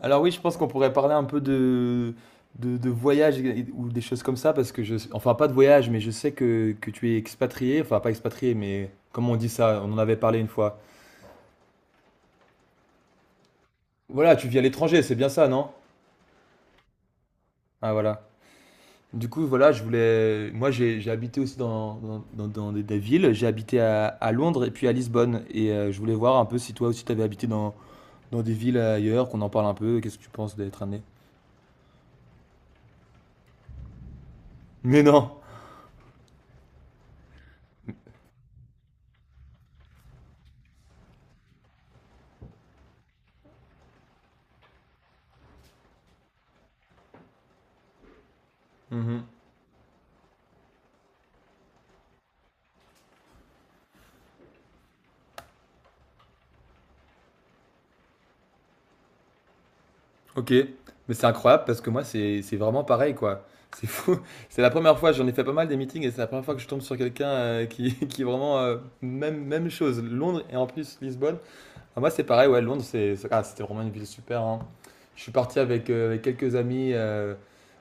Alors oui, je pense qu'on pourrait parler un peu de voyage ou des choses comme ça, parce que je... Enfin, pas de voyage, mais je sais que tu es expatrié, enfin pas expatrié, mais comment on dit ça? On en avait parlé une fois. Voilà, tu vis à l'étranger, c'est bien ça, non? Ah voilà. Du coup, voilà, je voulais... Moi, j'ai habité aussi dans des villes. J'ai habité à Londres et puis à Lisbonne. Et je voulais voir un peu si toi aussi, t'avais habité dans, dans des villes ailleurs, qu'on en parle un peu. Qu'est-ce que tu penses d'être amené? Mais non! Mhm. Ok, mais c'est incroyable parce que moi, c'est vraiment pareil, quoi. C'est fou. C'est la première fois, j'en ai fait pas mal des meetings et c'est la première fois que je tombe sur quelqu'un qui, qui est vraiment même, même chose. Londres et en plus Lisbonne. Ah, moi, c'est pareil, ouais, Londres, ah, c'était vraiment une ville super, hein. Je suis parti avec, avec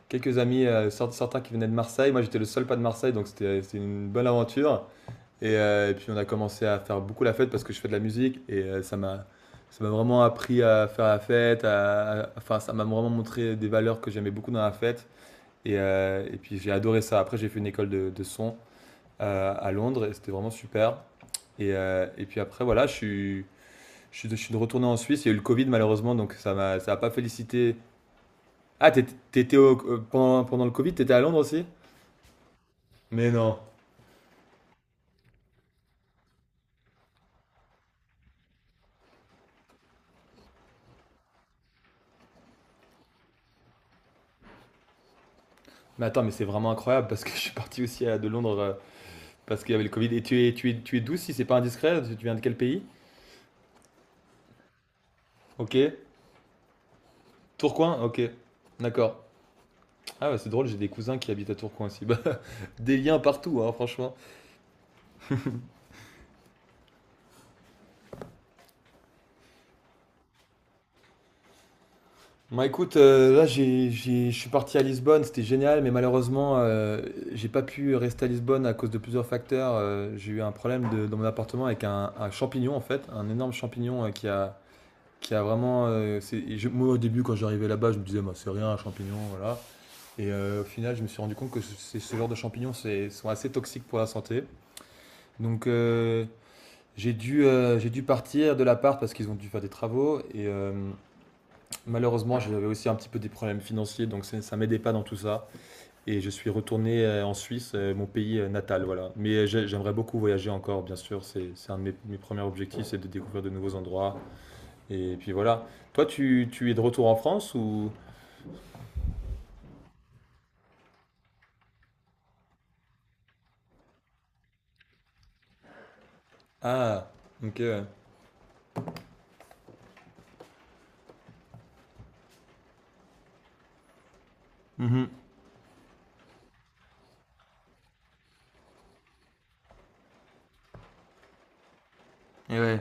quelques amis certains qui venaient de Marseille. Moi, j'étais le seul pas de Marseille, donc c'était une bonne aventure. Et puis on a commencé à faire beaucoup la fête parce que je fais de la musique et ça m'a vraiment appris à faire la fête, enfin ça m'a vraiment montré des valeurs que j'aimais beaucoup dans la fête et puis j'ai adoré ça. Après j'ai fait une école de son à Londres et c'était vraiment super. Et puis après voilà je suis retourné en Suisse. Il y a eu le Covid malheureusement donc ça a pas félicité. Ah, t'étais, pendant le Covid t'étais à Londres aussi? Mais non. Mais attends, mais c'est vraiment incroyable parce que je suis parti aussi à, de Londres, parce qu'il y avait le Covid. Et tu es d'où si c'est pas indiscret? Tu viens de quel pays? Ok. Tourcoing? Ok. D'accord. Ah ouais, c'est drôle, j'ai des cousins qui habitent à Tourcoing aussi. Bah, des liens partout, hein, franchement. Bah écoute, là je suis parti à Lisbonne, c'était génial, mais malheureusement j'ai pas pu rester à Lisbonne à cause de plusieurs facteurs. J'ai eu un problème dans mon appartement avec un champignon en fait, un énorme champignon qui a vraiment... moi au début quand j'arrivais là-bas, je me disais, bah, c'est rien un champignon, voilà. Et au final, je me suis rendu compte que ce genre de champignons sont assez toxiques pour la santé. Donc j'ai dû partir de l'appart parce qu'ils ont dû faire des travaux. Et malheureusement, j'avais aussi un petit peu des problèmes financiers, donc ça m'aidait pas dans tout ça. Et je suis retourné en Suisse, mon pays natal, voilà. Mais j'aimerais beaucoup voyager encore, bien sûr. C'est un de mes, mes premiers objectifs, c'est de découvrir de nouveaux endroits. Et puis voilà. Toi, tu es de retour en France ou... Ah, ok, ouais. Mhm. Et ouais.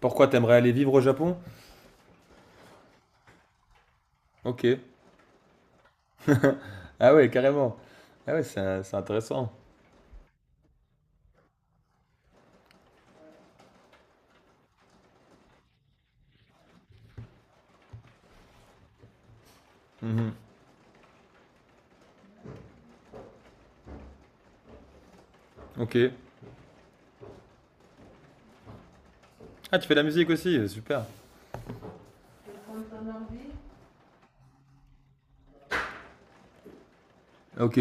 Pourquoi t'aimerais aller vivre au Japon? Ok. Ah ouais, carrément. Ah ouais, c'est intéressant. Mhm. Ok. Ah, tu fais de la musique aussi, super. Ok.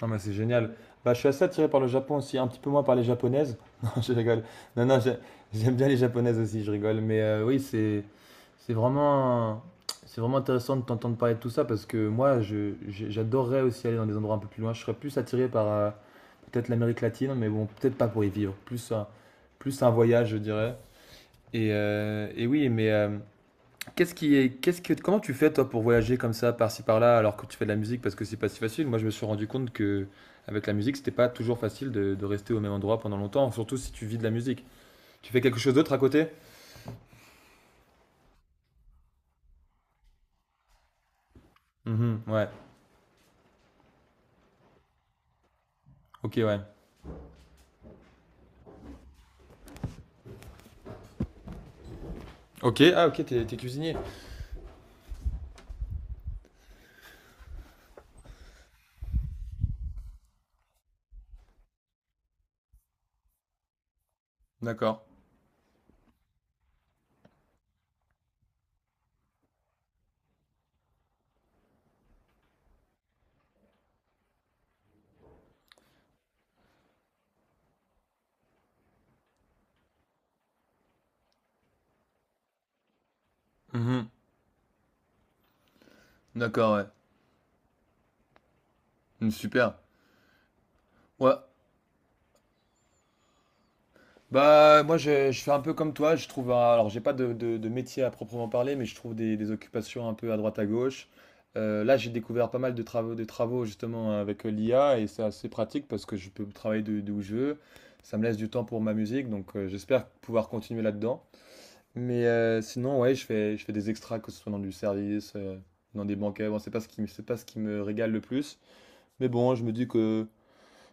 Ah bah c'est génial. Bah, je suis assez attiré par le Japon aussi, un petit peu moins par les japonaises. Non, je rigole. Non, non, j'ai- j'aime bien les japonaises aussi, je rigole. Mais oui, c'est vraiment, c'est vraiment intéressant de t'entendre parler de tout ça parce que moi, j'adorerais aussi aller dans des endroits un peu plus loin. Je serais plus attiré par peut-être l'Amérique latine, mais bon, peut-être pas pour y vivre. Plus un voyage, je dirais. Et oui, mais qu'est-ce qui est, qu'est-ce que, comment tu fais toi pour voyager comme ça, par-ci par-là, alors que tu fais de la musique parce que c'est pas si facile. Moi, je me suis rendu compte que avec la musique, c'était pas toujours facile de rester au même endroit pendant longtemps, surtout si tu vis de la musique. Tu fais quelque chose d'autre à côté? Mhm, ouais. Ok, ouais. Ok, ah ok, t'es cuisinier. D'accord. Mhm, d'accord, ouais. Mm, super. Ouais, bah, moi, je fais un peu comme toi. Je trouve, alors, j'ai pas de métier à proprement parler, mais je trouve des occupations un peu à droite à gauche. Là, j'ai découvert pas mal de travaux justement avec l'IA et c'est assez pratique parce que je peux travailler de où je veux. Ça me laisse du temps pour ma musique, donc j'espère pouvoir continuer là-dedans. Mais sinon, ouais, je fais des extras, que ce soit dans du service, dans des banquets. Bon, c'est pas ce qui me régale le plus. Mais bon,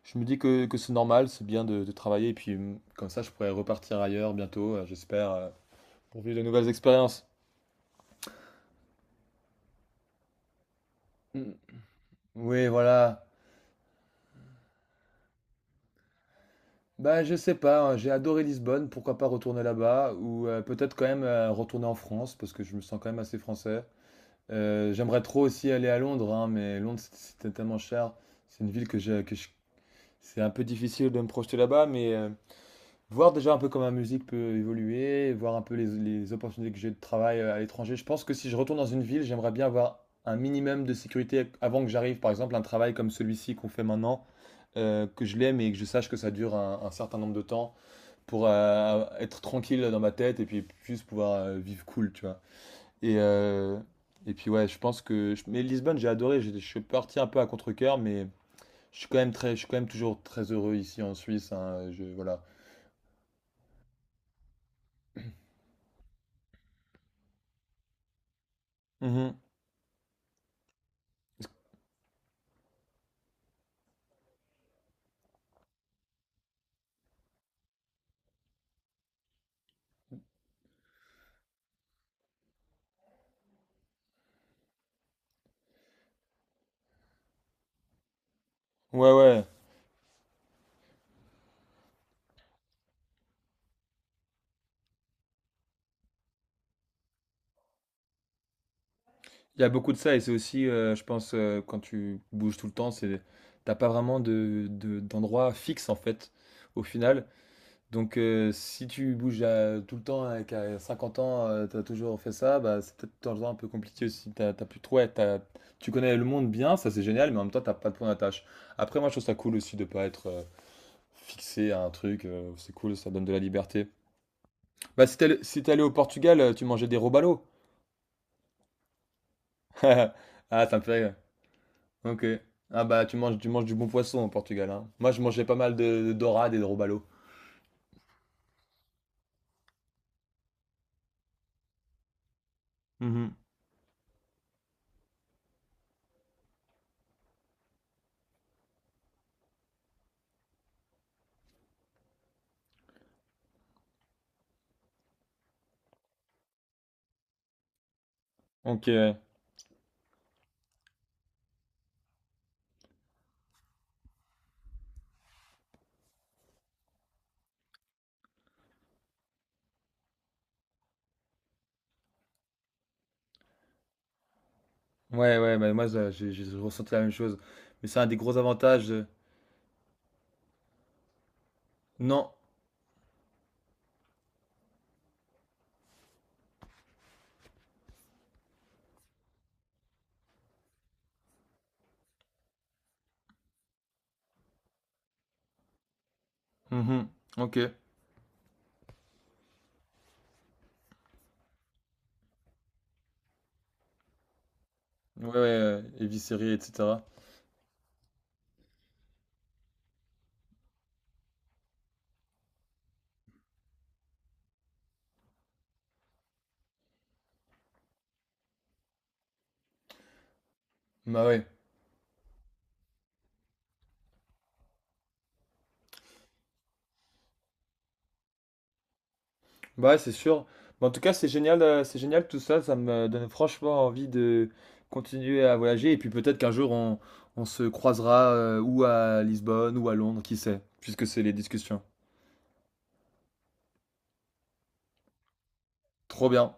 je me dis que c'est normal, c'est bien de travailler, et puis comme ça, je pourrais repartir ailleurs bientôt, j'espère, pour vivre de nouvelles expériences. Mm. Oui, voilà. Bah, je sais pas, hein, j'ai adoré Lisbonne, pourquoi pas retourner là-bas, ou peut-être quand même retourner en France, parce que je me sens quand même assez français. J'aimerais trop aussi aller à Londres, hein, mais Londres, c'était tellement cher. C'est une ville que c'est un peu difficile de me projeter là-bas, mais voir déjà un peu comment ma musique peut évoluer, voir un peu les opportunités que j'ai de travail à l'étranger. Je pense que si je retourne dans une ville, j'aimerais bien avoir un minimum de sécurité avant que j'arrive. Par exemple, un travail comme celui-ci qu'on fait maintenant, que je l'aime et que je sache que ça dure un certain nombre de temps pour être tranquille dans ma tête et puis juste pouvoir vivre cool, tu vois. Et, euh, et puis ouais, je pense que... je- mais Lisbonne, j'ai adoré, je suis parti un peu à contre-cœur, mais je suis quand même toujours très heureux ici en Suisse, hein, je, voilà. Mhm. Ouais, ouais. Il y a beaucoup de ça et c'est aussi, je pense, quand tu bouges tout le temps, t'as pas vraiment d'endroit fixe en fait, au final. Donc si tu tout le temps et qu'à 50 ans, t'as toujours fait ça, bah, c'est peut-être un endroit un peu compliqué aussi. T'as plus trop, ouais, t'as- tu connais le monde bien, ça c'est génial, mais en même temps, t'as pas de point d'attache. Après, moi, je trouve ça cool aussi de pas être fixé à un truc, c'est cool, ça donne de la liberté. Bah, si t'es allé au Portugal, tu mangeais des robalos. Ah, ça me fait rire. Ok. Ah bah tu manges du bon poisson au Portugal, hein. Moi je mangeais pas mal de dorade et de robalo. Mhm. Ok. Ouais, ouais, bah moi ça, j'ai ressenti la même chose. Mais c'est un des gros avantages de... Non. Mhm. Ok. Ouais, ouais, éviscéré, etc. Bah ouais. Bah ouais, c'est sûr. Mais en tout cas, c'est génial tout ça. Ça me donne franchement envie de continuer à voyager. Et puis peut-être qu'un jour on se croisera ou à Lisbonne ou à Londres, qui sait, puisque c'est les discussions. Trop bien.